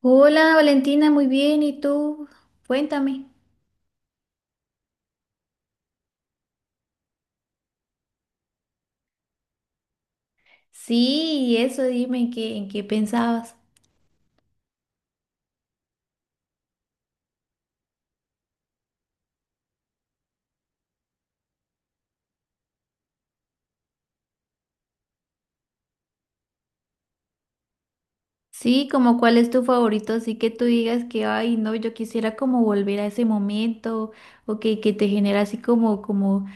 Hola Valentina, muy bien. ¿Y tú? Cuéntame. Sí, y eso, dime en qué pensabas. Sí, como cuál es tu favorito, así que tú digas que, ay, no, yo quisiera como volver a ese momento, o que te genera así como, como,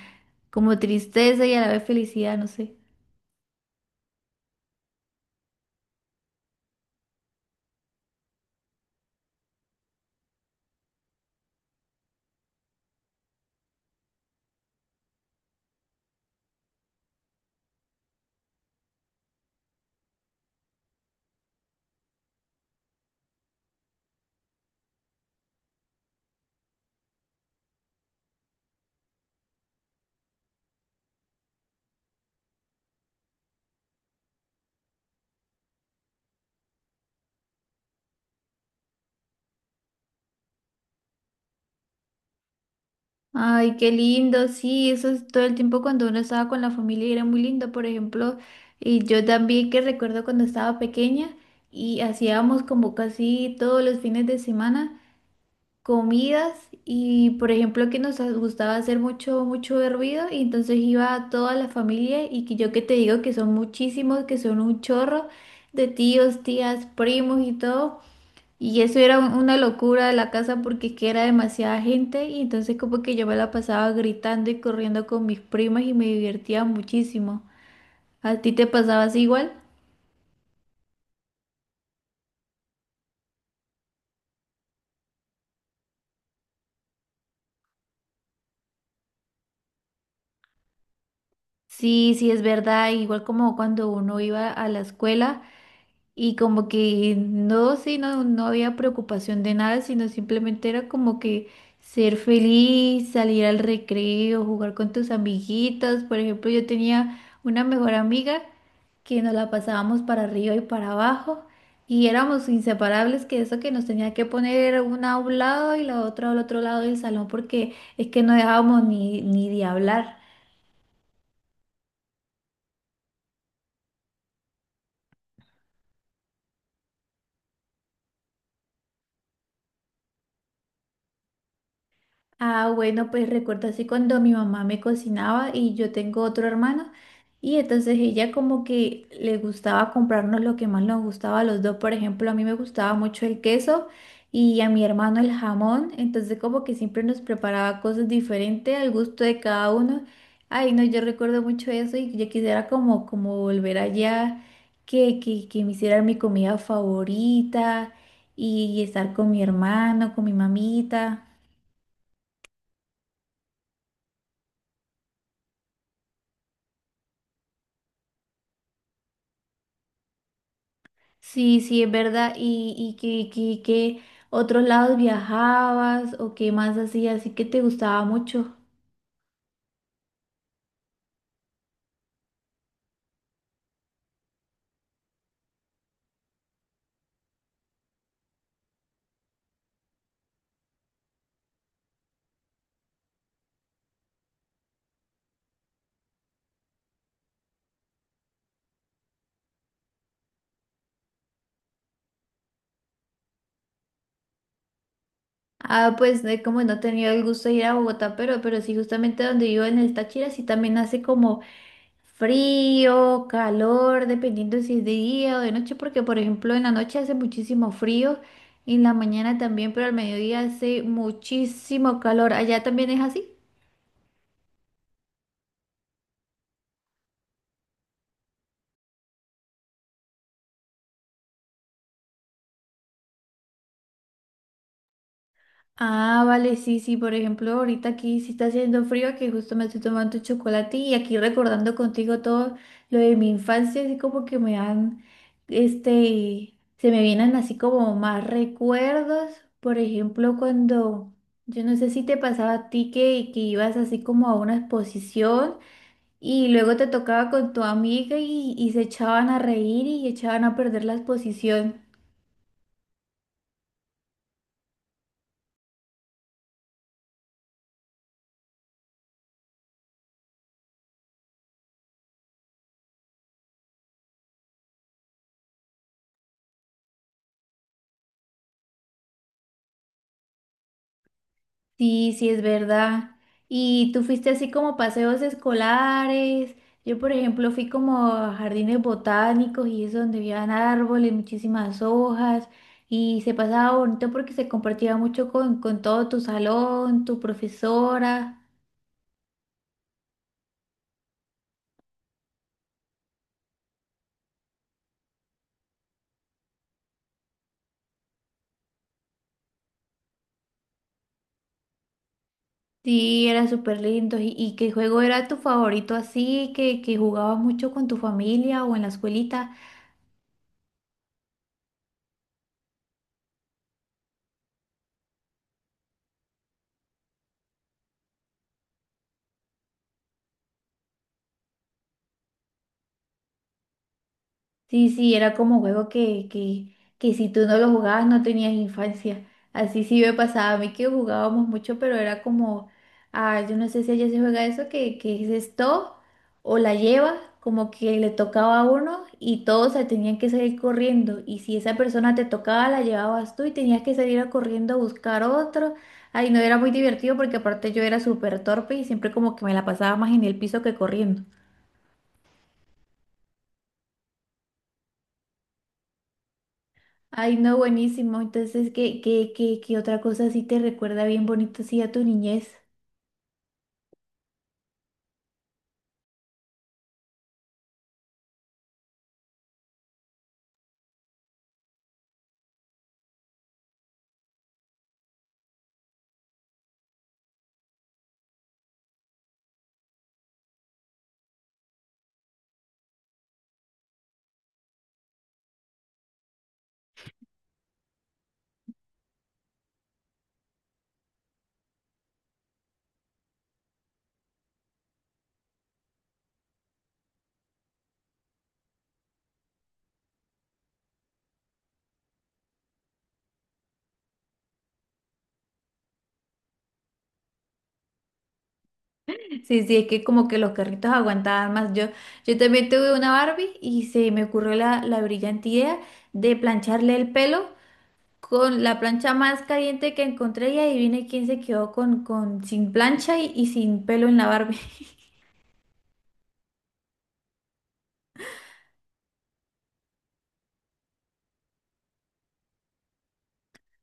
como tristeza y a la vez felicidad, no sé. Ay, qué lindo, sí, eso es todo el tiempo cuando uno estaba con la familia y era muy lindo, por ejemplo, y yo también que recuerdo cuando estaba pequeña y hacíamos como casi todos los fines de semana comidas. Y por ejemplo que nos gustaba hacer mucho, mucho hervido y entonces iba a toda la familia y que yo que te digo que son muchísimos, que son un chorro de tíos, tías, primos y todo. Y eso era una locura de la casa porque es que era demasiada gente y entonces como que yo me la pasaba gritando y corriendo con mis primas y me divertía muchísimo. ¿A ti te pasabas igual? Sí, sí, es verdad, igual como cuando uno iba a la escuela. Y como que no, sí, no, no había preocupación de nada, sino simplemente era como que ser feliz, salir al recreo, jugar con tus amiguitas. Por ejemplo, yo tenía una mejor amiga que nos la pasábamos para arriba y para abajo y éramos inseparables, que eso que nos tenía que poner una a un lado y la otra al otro lado del salón porque es que no dejábamos ni de hablar. Ah, bueno, pues recuerdo así cuando mi mamá me cocinaba y yo tengo otro hermano y entonces ella como que le gustaba comprarnos lo que más nos gustaba a los dos. Por ejemplo, a mí me gustaba mucho el queso y a mi hermano el jamón, entonces como que siempre nos preparaba cosas diferentes al gusto de cada uno. Ay, no, yo recuerdo mucho eso y yo quisiera como volver allá, que me hicieran mi comida favorita y estar con mi hermano, con mi mamita. Sí, sí, es verdad. Y qué, qué otros lados viajabas o qué más hacías? Así que te gustaba mucho. Ah, pues de como no he tenido el gusto de ir a Bogotá, pero sí, justamente donde vivo en el Táchira, sí también hace como frío, calor, dependiendo si es de día o de noche, porque por ejemplo en la noche hace muchísimo frío y en la mañana también, pero al mediodía hace muchísimo calor. ¿Allá también es así? Ah, vale, sí, sí, por ejemplo, ahorita aquí sí está haciendo frío, aquí justo me estoy tomando un chocolate y aquí recordando contigo todo lo de mi infancia, así como que me dan, se me vienen así como más recuerdos, por ejemplo, cuando, yo no sé si te pasaba a ti que ibas así como a una exposición y luego te tocaba con tu amiga y se echaban a reír y echaban a perder la exposición. Sí, sí, es verdad. Y tú fuiste así como paseos escolares. Yo, por ejemplo, fui como a jardines botánicos y eso donde habían árboles, muchísimas hojas y se pasaba bonito porque se compartía mucho con todo tu salón, tu profesora. Sí, era súper lindo. Y qué juego era tu favorito así que jugabas mucho con tu familia o en la escuelita? Sí, sí, era como juego que si tú no lo jugabas no tenías infancia. Así sí me pasaba a mí que jugábamos mucho, pero era como, ah, yo no sé si allá se juega eso, que es esto o la lleva, como que le tocaba a uno y todos se tenían que salir corriendo. Y si esa persona te tocaba, la llevabas tú y tenías que salir a corriendo a buscar otro. Ay, no, era muy divertido porque aparte yo era súper torpe y siempre como que me la pasaba más en el piso que corriendo. Ay, no, buenísimo. Entonces, ¿qué qué, qué, qué otra cosa así te recuerda bien bonito así a tu niñez? Sí, sí, es que como que los carritos aguantaban más. Yo también tuve una Barbie y se me ocurrió la brillante idea de plancharle el pelo con la plancha más caliente que encontré y adivine quién se quedó con sin plancha y sin pelo en la Barbie.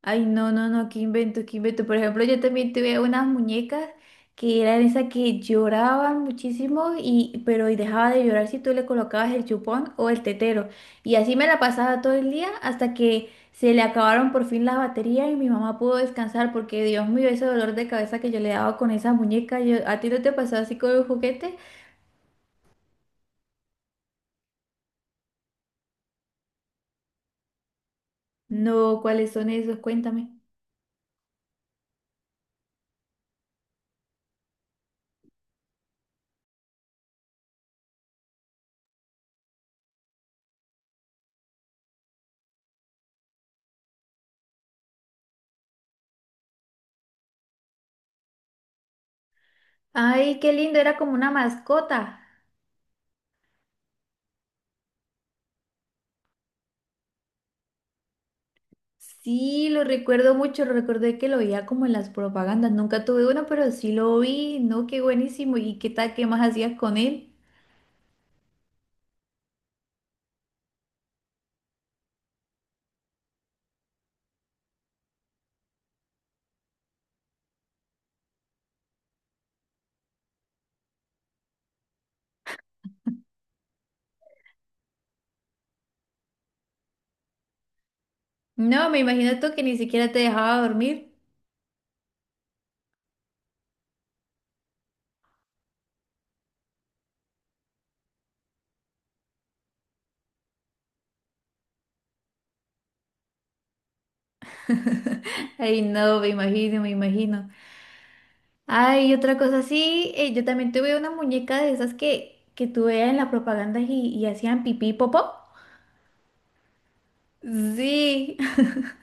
Ay, no, no, no, qué invento, qué invento. Por ejemplo, yo también tuve unas muñecas que eran esas que lloraban muchísimo y, pero y dejaba de llorar si tú le colocabas el chupón o el tetero. Y así me la pasaba todo el día hasta que se le acabaron por fin las baterías y mi mamá pudo descansar porque Dios mío, ese dolor de cabeza que yo le daba con esa muñeca. Yo, ¿a ti no te pasó así con un juguete? No, ¿cuáles son esos? Cuéntame. Ay, qué lindo, era como una mascota. Sí, lo recuerdo mucho, lo recordé que lo veía como en las propagandas, nunca tuve uno, pero sí lo vi, no, qué buenísimo, ¿y qué tal, qué más hacías con él? No, me imagino tú que ni siquiera te dejaba dormir. Ay, no, me imagino, me imagino. Ay, otra cosa, sí, yo también tuve una muñeca de esas que tú veías en las propagandas y hacían pipí y popó. Sí,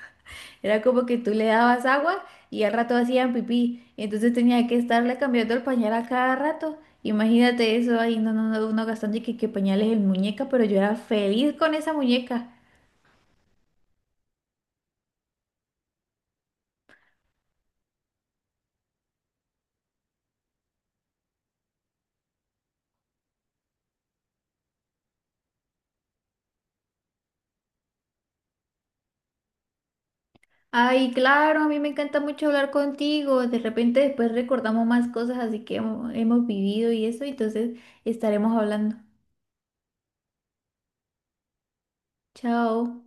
era como que tú le dabas agua y al rato hacían pipí, entonces tenía que estarle cambiando el pañal a cada rato. Imagínate eso ahí, no, no, no, uno gastando y que pañales en muñeca, pero yo era feliz con esa muñeca. Ay, claro, a mí me encanta mucho hablar contigo. De repente después recordamos más cosas así que hemos vivido y eso, entonces estaremos hablando. Chao.